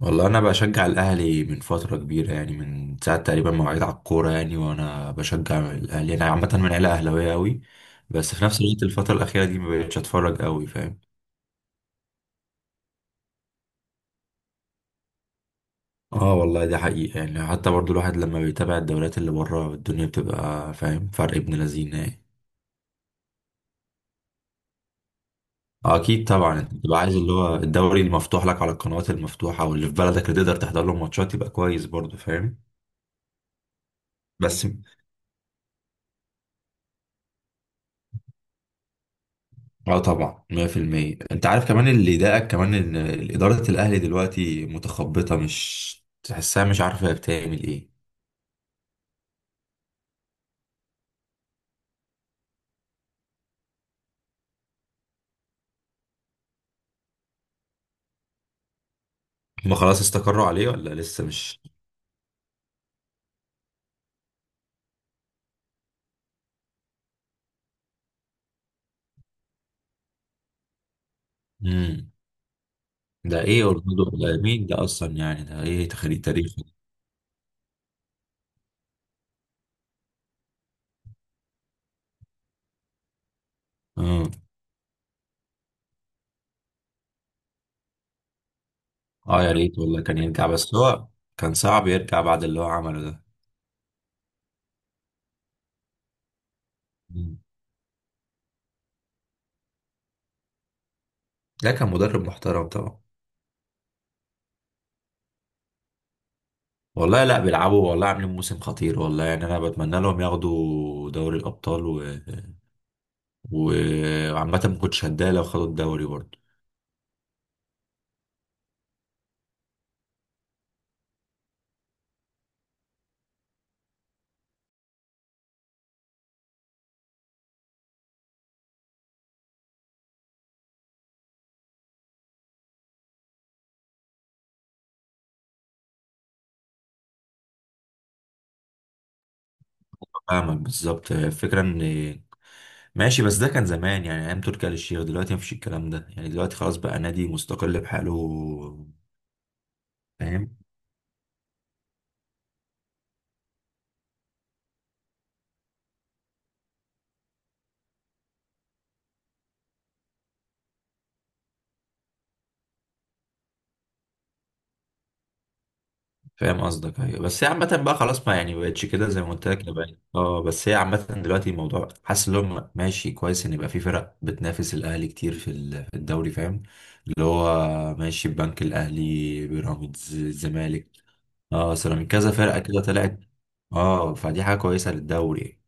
والله انا بشجع الاهلي من فتره كبيره، يعني من ساعه تقريبا ما وعيت على الكوره، يعني وانا بشجع الاهلي. انا عامه من عيله اهلاويه قوي. بس في نفس الوقت الفتره الاخيره دي ما بقتش اتفرج قوي، فاهم؟ اه والله دي حقيقه، يعني حتى برضو الواحد لما بيتابع الدوريات اللي بره الدنيا بتبقى فاهم فرق ابن لذينه يعني. آه، اكيد طبعا، انت بتبقى عايز اللي هو الدوري المفتوح لك على القنوات المفتوحه واللي في بلدك اللي تقدر تحضر له ماتشات، يبقى كويس برضو، فاهم؟ بس. اه طبعا، 100% انت عارف، كمان اللي ضايقك كمان ان اداره الاهلي دلوقتي متخبطه، مش تحسها مش عارفه هي بتعمل ايه. هما خلاص استقروا عليه ولا لسه مش؟ امم. ده ايه اورلando ده؟ مين ده اصلا يعني؟ ده ايه، تخليد تاريخي؟ امم. اه يا ريت والله كان يرجع، بس هو كان صعب يرجع بعد اللي هو عمله ده. مم. ده كان مدرب محترم طبعا. والله لا بيلعبوا، والله عاملين موسم خطير والله، يعني انا بتمنى لهم ياخدوا دوري الابطال وعامة ما كنتش هتضايق لو خدوا الدوري برضه. فاهمك بالظبط، هي الفكرة ان ماشي. بس ده كان زمان، يعني ايام تركي آل الشيخ. دلوقتي مفيش الكلام ده يعني، دلوقتي خلاص بقى نادي مستقل بحاله. فاهم. فاهم قصدك، ايوه، بس هي عامة بقى خلاص، ما يعني بقتش كده زي ما قلت لك بقى. اه بس هي عامة دلوقتي الموضوع، حاسس ان هم ماشي كويس ان يبقى في فرق بتنافس الاهلي كتير في الدوري، فاهم؟ اللي هو ماشي، البنك الاهلي، بيراميدز، الزمالك. اه، اصل من كذا فرقه كده طلعت. اه فدي حاجه كويسه للدوري.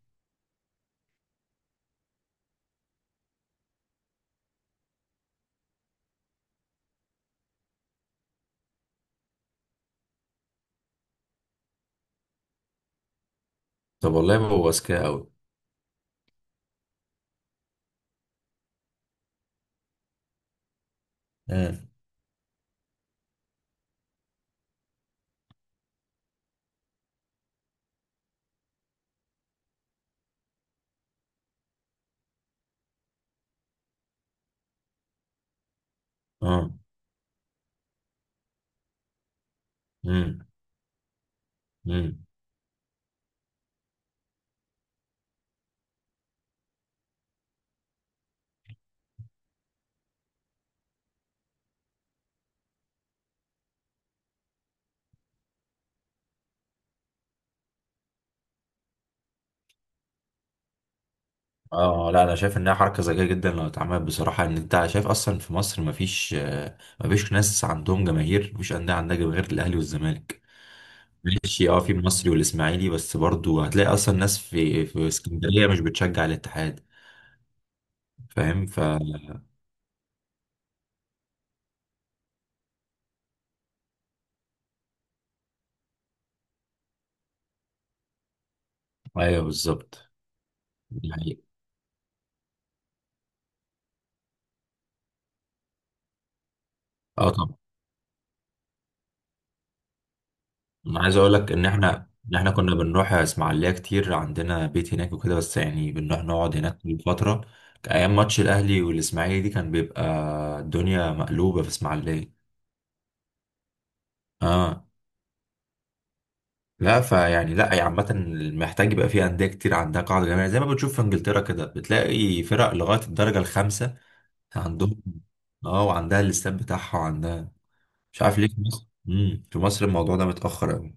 طب والله بابا، اذكياء قوي. امم. اه. امم. امم. اه لا انا شايف انها حركه ذكيه جدا لو اتعملت، بصراحه ان انت شايف اصلا في مصر مفيش، مفيش ناس عندهم جماهير، مفيش انديه عندها جماهير غير الاهلي والزمالك. ماشي، اه، في المصري والاسماعيلي، بس برضو هتلاقي اصلا ناس في اسكندريه مش بتشجع الاتحاد. فاهم. ايوه بالظبط، دي حقيقة. اه طبعا. انا عايز اقول لك ان احنا كنا بنروح اسماعيليه كتير، عندنا بيت هناك وكده، بس يعني بنروح نقعد هناك من فتره. ايام ماتش الاهلي والاسماعيلي دي كان بيبقى الدنيا مقلوبه في اسماعيليه. اه لا فيعني لا يعني عامه، محتاج يبقى في انديه كتير عندها قاعده جماهيريه زي ما بتشوف في انجلترا كده، بتلاقي فرق لغايه الدرجه الخامسه عندهم. اه وعندها الاستاد بتاعها وعندها. مش عارف ليه في مصر، في مصر الموضوع ده متاخر قوي.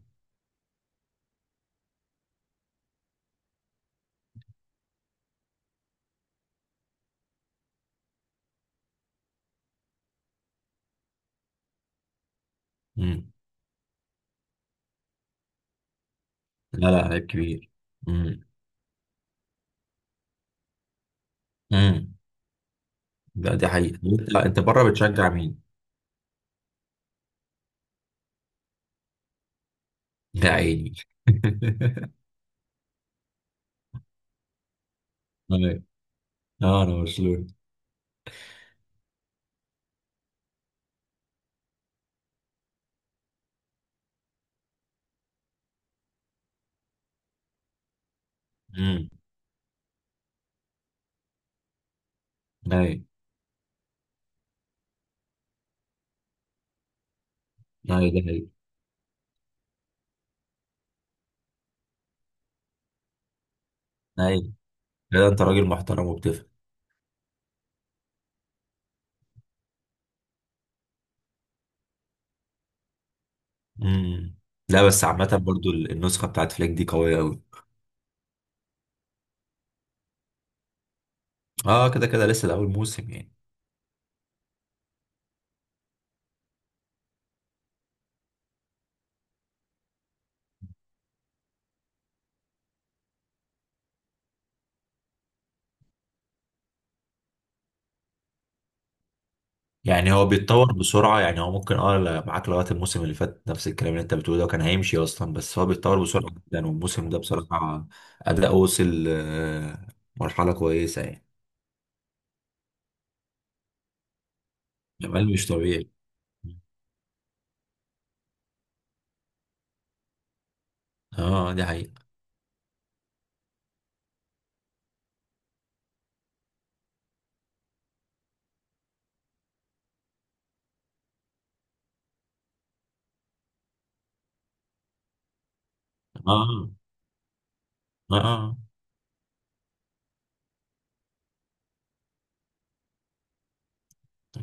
امم. لا لا عيب كبير. امم. امم. لا دي حقيقة. انت لا، انت بره بتشجع مين؟ لا عيني. ايوه. اه انا برشلوني. امم. ايوه ايوه ده حقيقي. ايوه. لا انت راجل محترم وبتفهم. امم. لا بس عامة برضو النسخة بتاعت فليك دي قوية قوي. اه كده كده لسه الأول موسم يعني. يعني هو بيتطور بسرعة، يعني هو ممكن معاك لغاية الموسم اللي فات نفس الكلام اللي انت بتقوله ده، وكان هيمشي أصلا، بس هو بيتطور بسرعة جدا، والموسم ده بصراحة أداء وصل مرحلة كويسة يعني. جمال مش طبيعي. اه دي حقيقة. اه. اه. آه.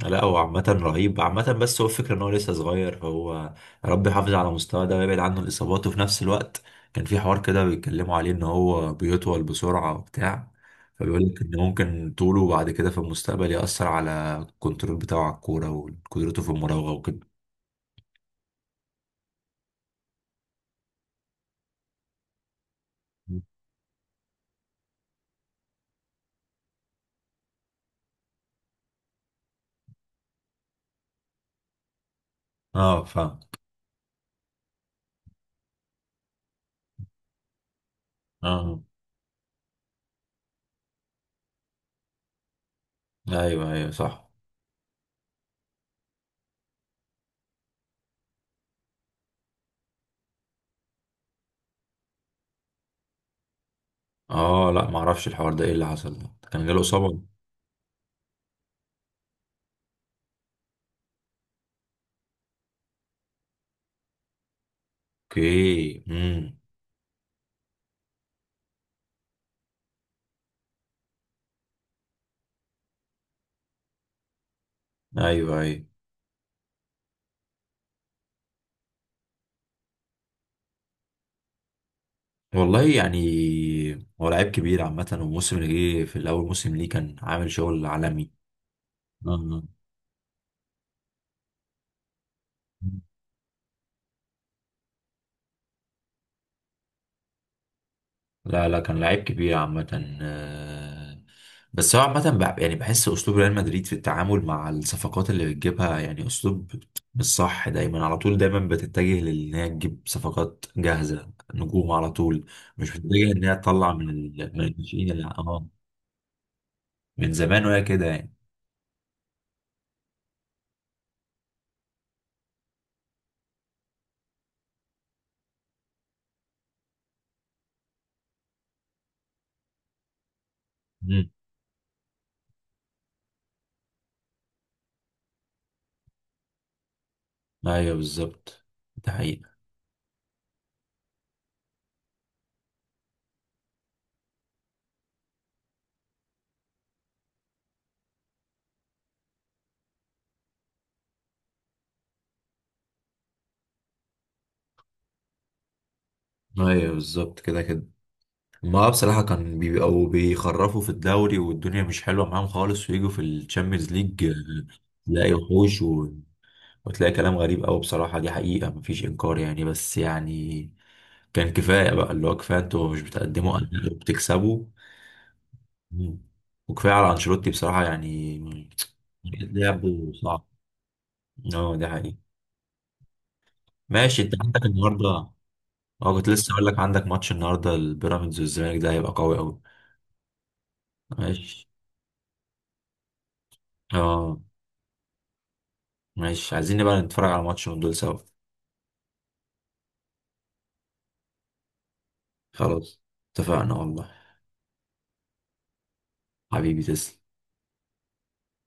لا هو عامة رهيب عامة، بس هو الفكرة ان هو لسه صغير، فهو يا رب يحافظ على مستواه ده ويبعد عنه الاصابات. وفي نفس الوقت كان في حوار كده بيتكلموا عليه ان هو بيطول بسرعة وبتاع، فبيقول لك ان ممكن طوله بعد كده في المستقبل يأثر على الكنترول بتاعه على الكورة وقدرته في المراوغة وكده. اه فاهم. اه. ايوه ايوه صح. اه لا معرفش الحوار ده ايه اللي حصل، كان جاله اصابة؟ اوكي. امم. ايوه ايوه. والله يعني، هو لعيب كبير عامة، والموسم اللي جه في الأول موسم ليه كان عامل شغل عالمي. آه. لا لا كان لعيب كبير عامة. بس هو عامة يعني بحس أسلوب ريال مدريد في التعامل مع الصفقات اللي بتجيبها، يعني أسلوب مش صح دايما. على طول دايما بتتجه لإن هي تجيب صفقات جاهزة، نجوم على طول. مش بتتجه إن هي تطلع من الناشئين، اللي من زمان وهي كده يعني. مم. أيوه بالظبط. ده حقيقة. أيوه بالظبط كده كده. ما بصراحة كان بيبقوا بيخرفوا في الدوري والدنيا مش حلوة معاهم خالص، ويجوا في الشامبيونز ليج تلاقي وحوش وتلاقي كلام غريب أوي بصراحة. دي حقيقة مفيش إنكار يعني، بس يعني كان كفاية بقى، اللي هو كفاية انتوا مش بتقدموا أداء وبتكسبوا. مم. وكفاية على أنشيلوتي بصراحة يعني، لعبه صعب. اه ده حقيقي. ماشي. انت عندك النهاردة؟ اه كنت لسه أقول لك، عندك ماتش النهاردة، البيراميدز والزمالك ده هيبقى قوي أوي. ماشي. اه. ماشي، عايزين نبقى نتفرج على ماتش من دول سوا. خلاص اتفقنا والله. حبيبي تسلم.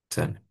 سلام.